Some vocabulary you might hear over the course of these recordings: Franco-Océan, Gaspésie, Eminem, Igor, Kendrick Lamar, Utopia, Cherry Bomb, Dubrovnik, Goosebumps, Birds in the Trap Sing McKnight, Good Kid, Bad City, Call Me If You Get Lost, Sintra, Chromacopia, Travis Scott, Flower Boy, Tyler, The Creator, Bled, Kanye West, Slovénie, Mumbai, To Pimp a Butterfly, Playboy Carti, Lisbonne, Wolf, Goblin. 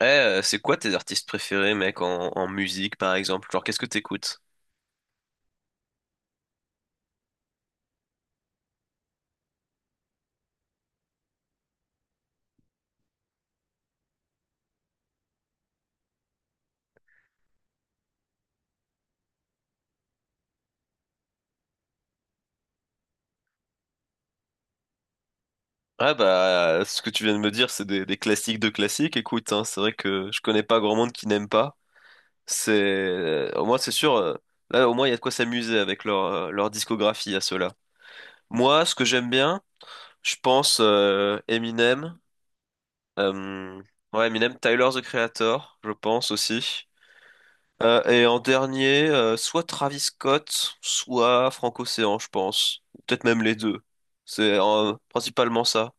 Eh, c'est quoi tes artistes préférés, mec, en musique, par exemple? Genre, qu'est-ce que t'écoutes? Ah bah, ce que tu viens de me dire, c'est des classiques de classiques. Écoute, hein, c'est vrai que je connais pas grand monde qui n'aime pas. C'est, au moins, c'est sûr. Là, au moins, il y a de quoi s'amuser avec leur discographie à ceux-là. Moi, ce que j'aime bien, je pense Eminem. euh, Ouais, Eminem, Tyler, The Creator, je pense aussi. Et en dernier, soit Travis Scott, soit Franco-Océan, je pense. Ou peut-être même les deux. C'est principalement ça.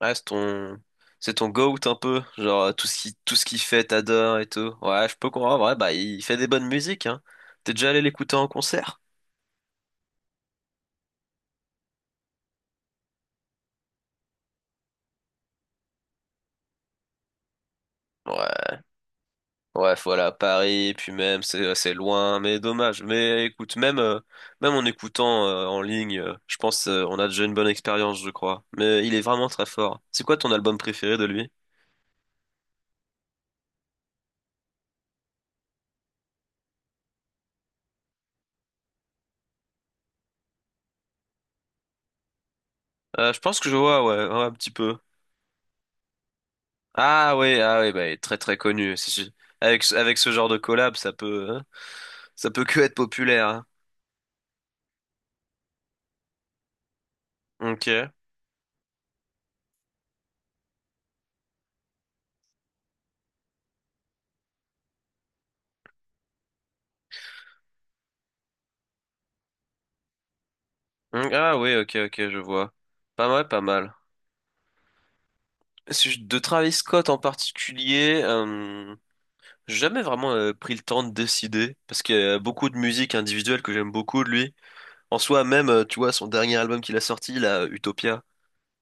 Ouais, c'est ton goat un peu, genre tout ce qu'il fait, t'adores et tout. Ouais, je peux comprendre. Ouais, bah il fait des bonnes musiques, hein. T'es déjà allé l'écouter en concert? Ouais. Ouais, voilà, Paris, puis même, c'est assez loin, mais dommage. Mais écoute, même en écoutant en ligne, je pense on a déjà une bonne expérience, je crois. Mais il est vraiment très fort. C'est quoi ton album préféré de lui? Je pense que je vois, ouais, ouais, un petit peu. Ah oui, ah oui, bah, il est très très connu. Avec ce genre de collab, hein, ça peut que être populaire. Hein. Ok. Mm, ah oui, ok, ok, je vois. Pas mal, pas mal. Si je- De Travis Scott en particulier. J'ai jamais vraiment pris le temps de décider, parce qu'il y a beaucoup de musique individuelle que j'aime beaucoup de lui. En soi, même, tu vois, son dernier album qu'il a sorti, là, Utopia,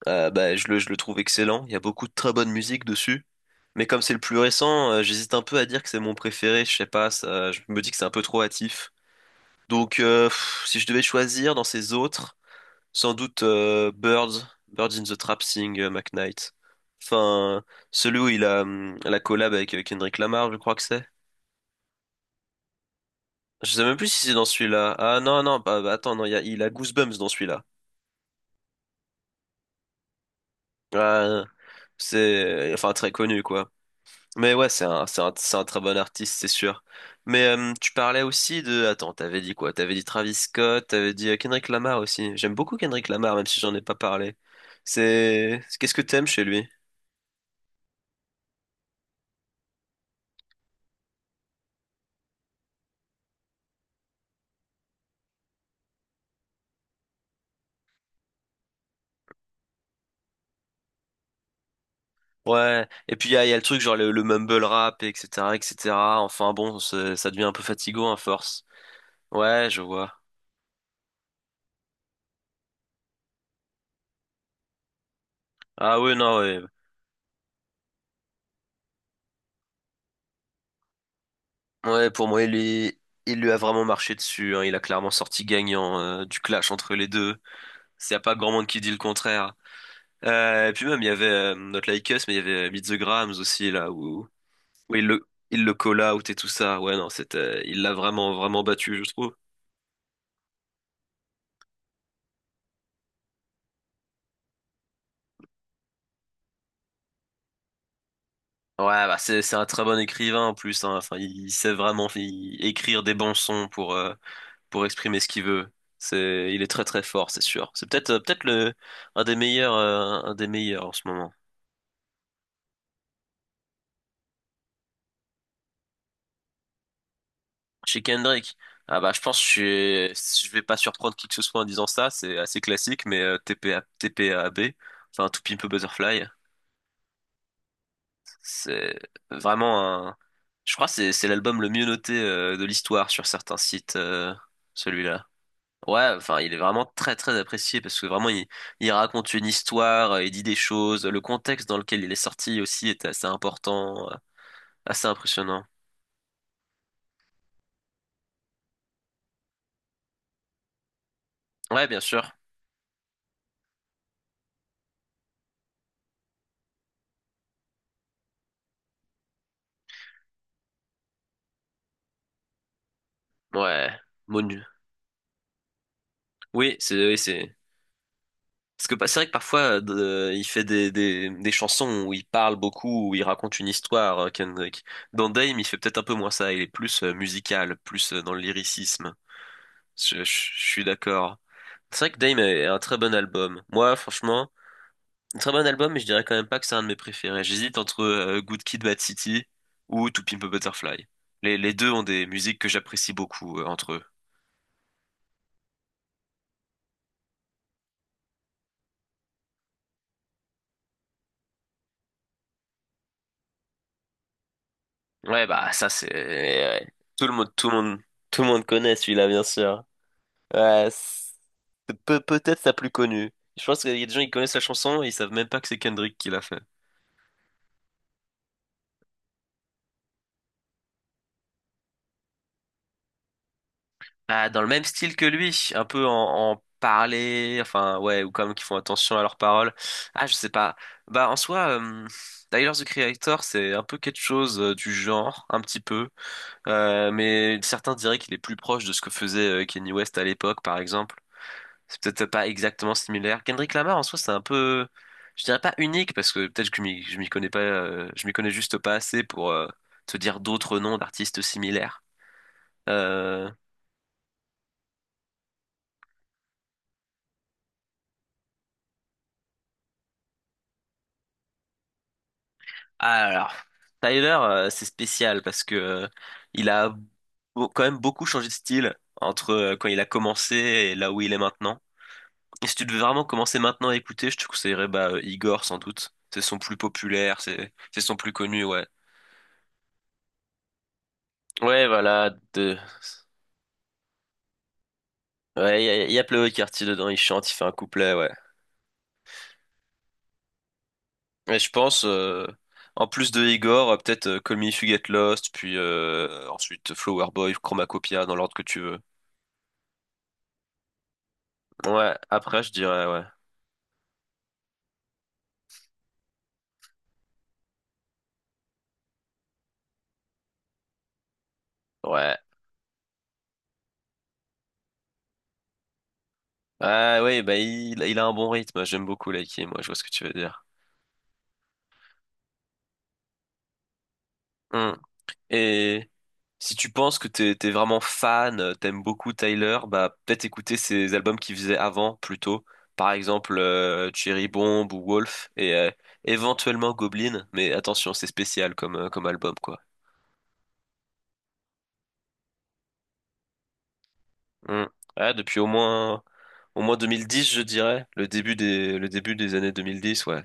bah, je le trouve excellent. Il y a beaucoup de très bonne musique dessus. Mais comme c'est le plus récent, j'hésite un peu à dire que c'est mon préféré, je sais pas, ça, je me dis que c'est un peu trop hâtif. Donc, si je devais choisir dans ces autres, sans doute Birds in the Trap Sing, McKnight. Enfin, celui où il a la collab avec Kendrick Lamar, je crois que c'est. Je sais même plus si c'est dans celui-là. Ah non, non, bah, bah, attends, non, il a Goosebumps dans celui-là. Ah, c'est, enfin, très connu, quoi. Mais ouais, c'est un très bon artiste, c'est sûr. Mais tu parlais aussi de... Attends, t'avais dit quoi? T'avais dit Travis Scott, t'avais dit Kendrick Lamar aussi. J'aime beaucoup Kendrick Lamar, même si j'en ai pas parlé. Qu'est-ce que t'aimes chez lui? Ouais, et puis il y a le truc genre le mumble rap, et etc., etc. Enfin bon, ça devient un peu fatigant à force. Ouais, je vois. Ah ouais, non, ouais. Ouais, pour moi, il lui a vraiment marché dessus. Hein. Il a clairement sorti gagnant du clash entre les deux. Il n'y a pas grand monde qui dit le contraire. Et puis même, il y avait notre Like Us, mais il y avait Meet the Grams aussi, là, où il le call out et tout ça. Ouais, non, c'était, il l'a vraiment, vraiment battu, je trouve. Ouais, bah, c'est un très bon écrivain en plus. Hein. Enfin, il sait vraiment écrire des bons sons pour exprimer ce qu'il veut. Il est très, très fort, c'est sûr. C'est peut-être un des meilleurs en ce moment. Chez Kendrick. Ah bah je pense que je vais pas surprendre qui que ce soit en disant ça, c'est assez classique, mais T P A T P A B enfin To Pimp a Butterfly, c'est vraiment un... Je crois que c'est l'album le mieux noté de l'histoire sur certains sites, celui-là. Ouais, enfin il est vraiment très très apprécié parce que vraiment il raconte une histoire, il dit des choses, le contexte dans lequel il est sorti aussi est assez important, assez impressionnant. Ouais, bien sûr. Ouais, Monu. Oui, c'est parce que c'est vrai que parfois, il fait des chansons où il parle beaucoup, où il raconte une histoire, Kendrick. Dans Dame, il fait peut-être un peu moins ça. Il est plus musical, plus dans le lyricisme. Je suis d'accord. C'est vrai que Dame est un très bon album. Moi, franchement, un très bon album, mais je dirais quand même pas que c'est un de mes préférés. J'hésite entre Good Kid, Bad City ou To Pimp a Butterfly. Les deux ont des musiques que j'apprécie beaucoup entre eux. Ouais, bah ça c'est... ouais. Tout le monde, tout le monde, tout le monde connaît celui-là, bien sûr. Ouais, c'est peut-être sa plus connue. Je pense qu'il y a des gens qui connaissent la chanson et ils savent même pas que c'est Kendrick qui l'a fait. Ah, dans le même style que lui, un peu en parler, enfin ouais, ou quand même qui font attention à leurs paroles. Ah, je sais pas. Bah en soi, Tyler, the Creator, c'est un peu quelque chose du genre, un petit peu. Mais certains diraient qu'il est plus proche de ce que faisait Kanye West à l'époque, par exemple. C'est peut-être pas exactement similaire. Kendrick Lamar, en soi, c'est un peu, je dirais pas unique, parce que peut-être que je m'y connais pas, je m'y connais juste pas assez pour te dire d'autres noms d'artistes similaires. Euh, ah, alors, Tyler, c'est spécial parce que il a quand même beaucoup changé de style entre quand il a commencé et là où il est maintenant. Et si tu devais vraiment commencer maintenant à écouter, je te conseillerais bah, Igor sans doute. C'est son plus populaire, c'est son plus connu, ouais. Ouais, voilà, deux. Ouais, y a Playboy Carty dedans, il chante, il fait un couplet, ouais. Et je pense, en plus de Igor, peut-être Call Me If You Get Lost, puis ensuite Flower Boy, Chromacopia, dans l'ordre que tu veux. Ouais, après je dirais, ouais. Ouais. Ah oui, bah il a un bon rythme, j'aime beaucoup Laiki, moi, je vois ce que tu veux dire. Hmm. Et si tu penses que t'es vraiment fan, t'aimes beaucoup Tyler, bah peut-être écouter ses albums qu'il faisait avant plutôt. Par exemple Cherry Bomb ou Wolf et éventuellement Goblin, mais attention, c'est spécial comme album quoi. Hmm. Ouais, depuis au moins 2010, je dirais, le début des années 2010, ouais.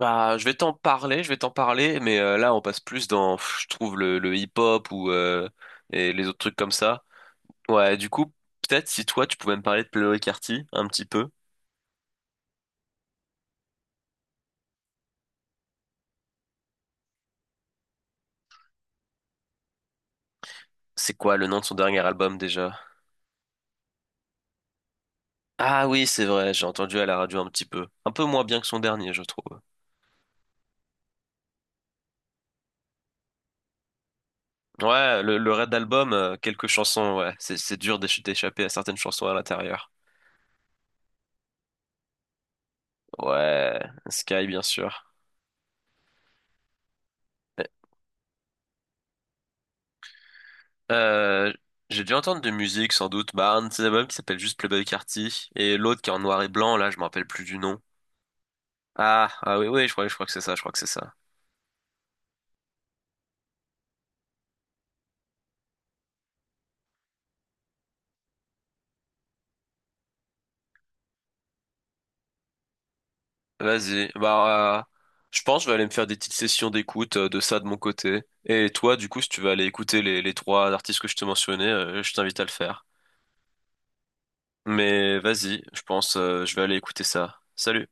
Bah, je vais t'en parler, mais là on passe plus dans, je trouve le hip-hop ou et les autres trucs comme ça. Ouais, du coup, peut-être si toi tu pouvais me parler de Playboy Carti un petit peu. C'est quoi le nom de son dernier album déjà? Ah oui, c'est vrai, j'ai entendu à la radio un petit peu. Un peu moins bien que son dernier, je trouve. Ouais, le Red Album, quelques chansons, ouais. C'est dur d'échapper à certaines chansons à l'intérieur. Ouais, Sky, bien sûr. Euh, j'ai dû entendre de musique, sans doute. Bah, un de ses albums qui s'appelle juste Playboy Carti, et l'autre qui est en noir et blanc, là, je me rappelle plus du nom. Ah, ah oui, oui, je crois que c'est ça, je crois que c'est ça. Vas-y. Bah, je pense que je vais aller me faire des petites sessions d'écoute de ça de mon côté. Et toi, du coup, si tu veux aller écouter les trois artistes que je te mentionnais, je t'invite à le faire. Mais vas-y, je pense, je vais aller écouter ça. Salut.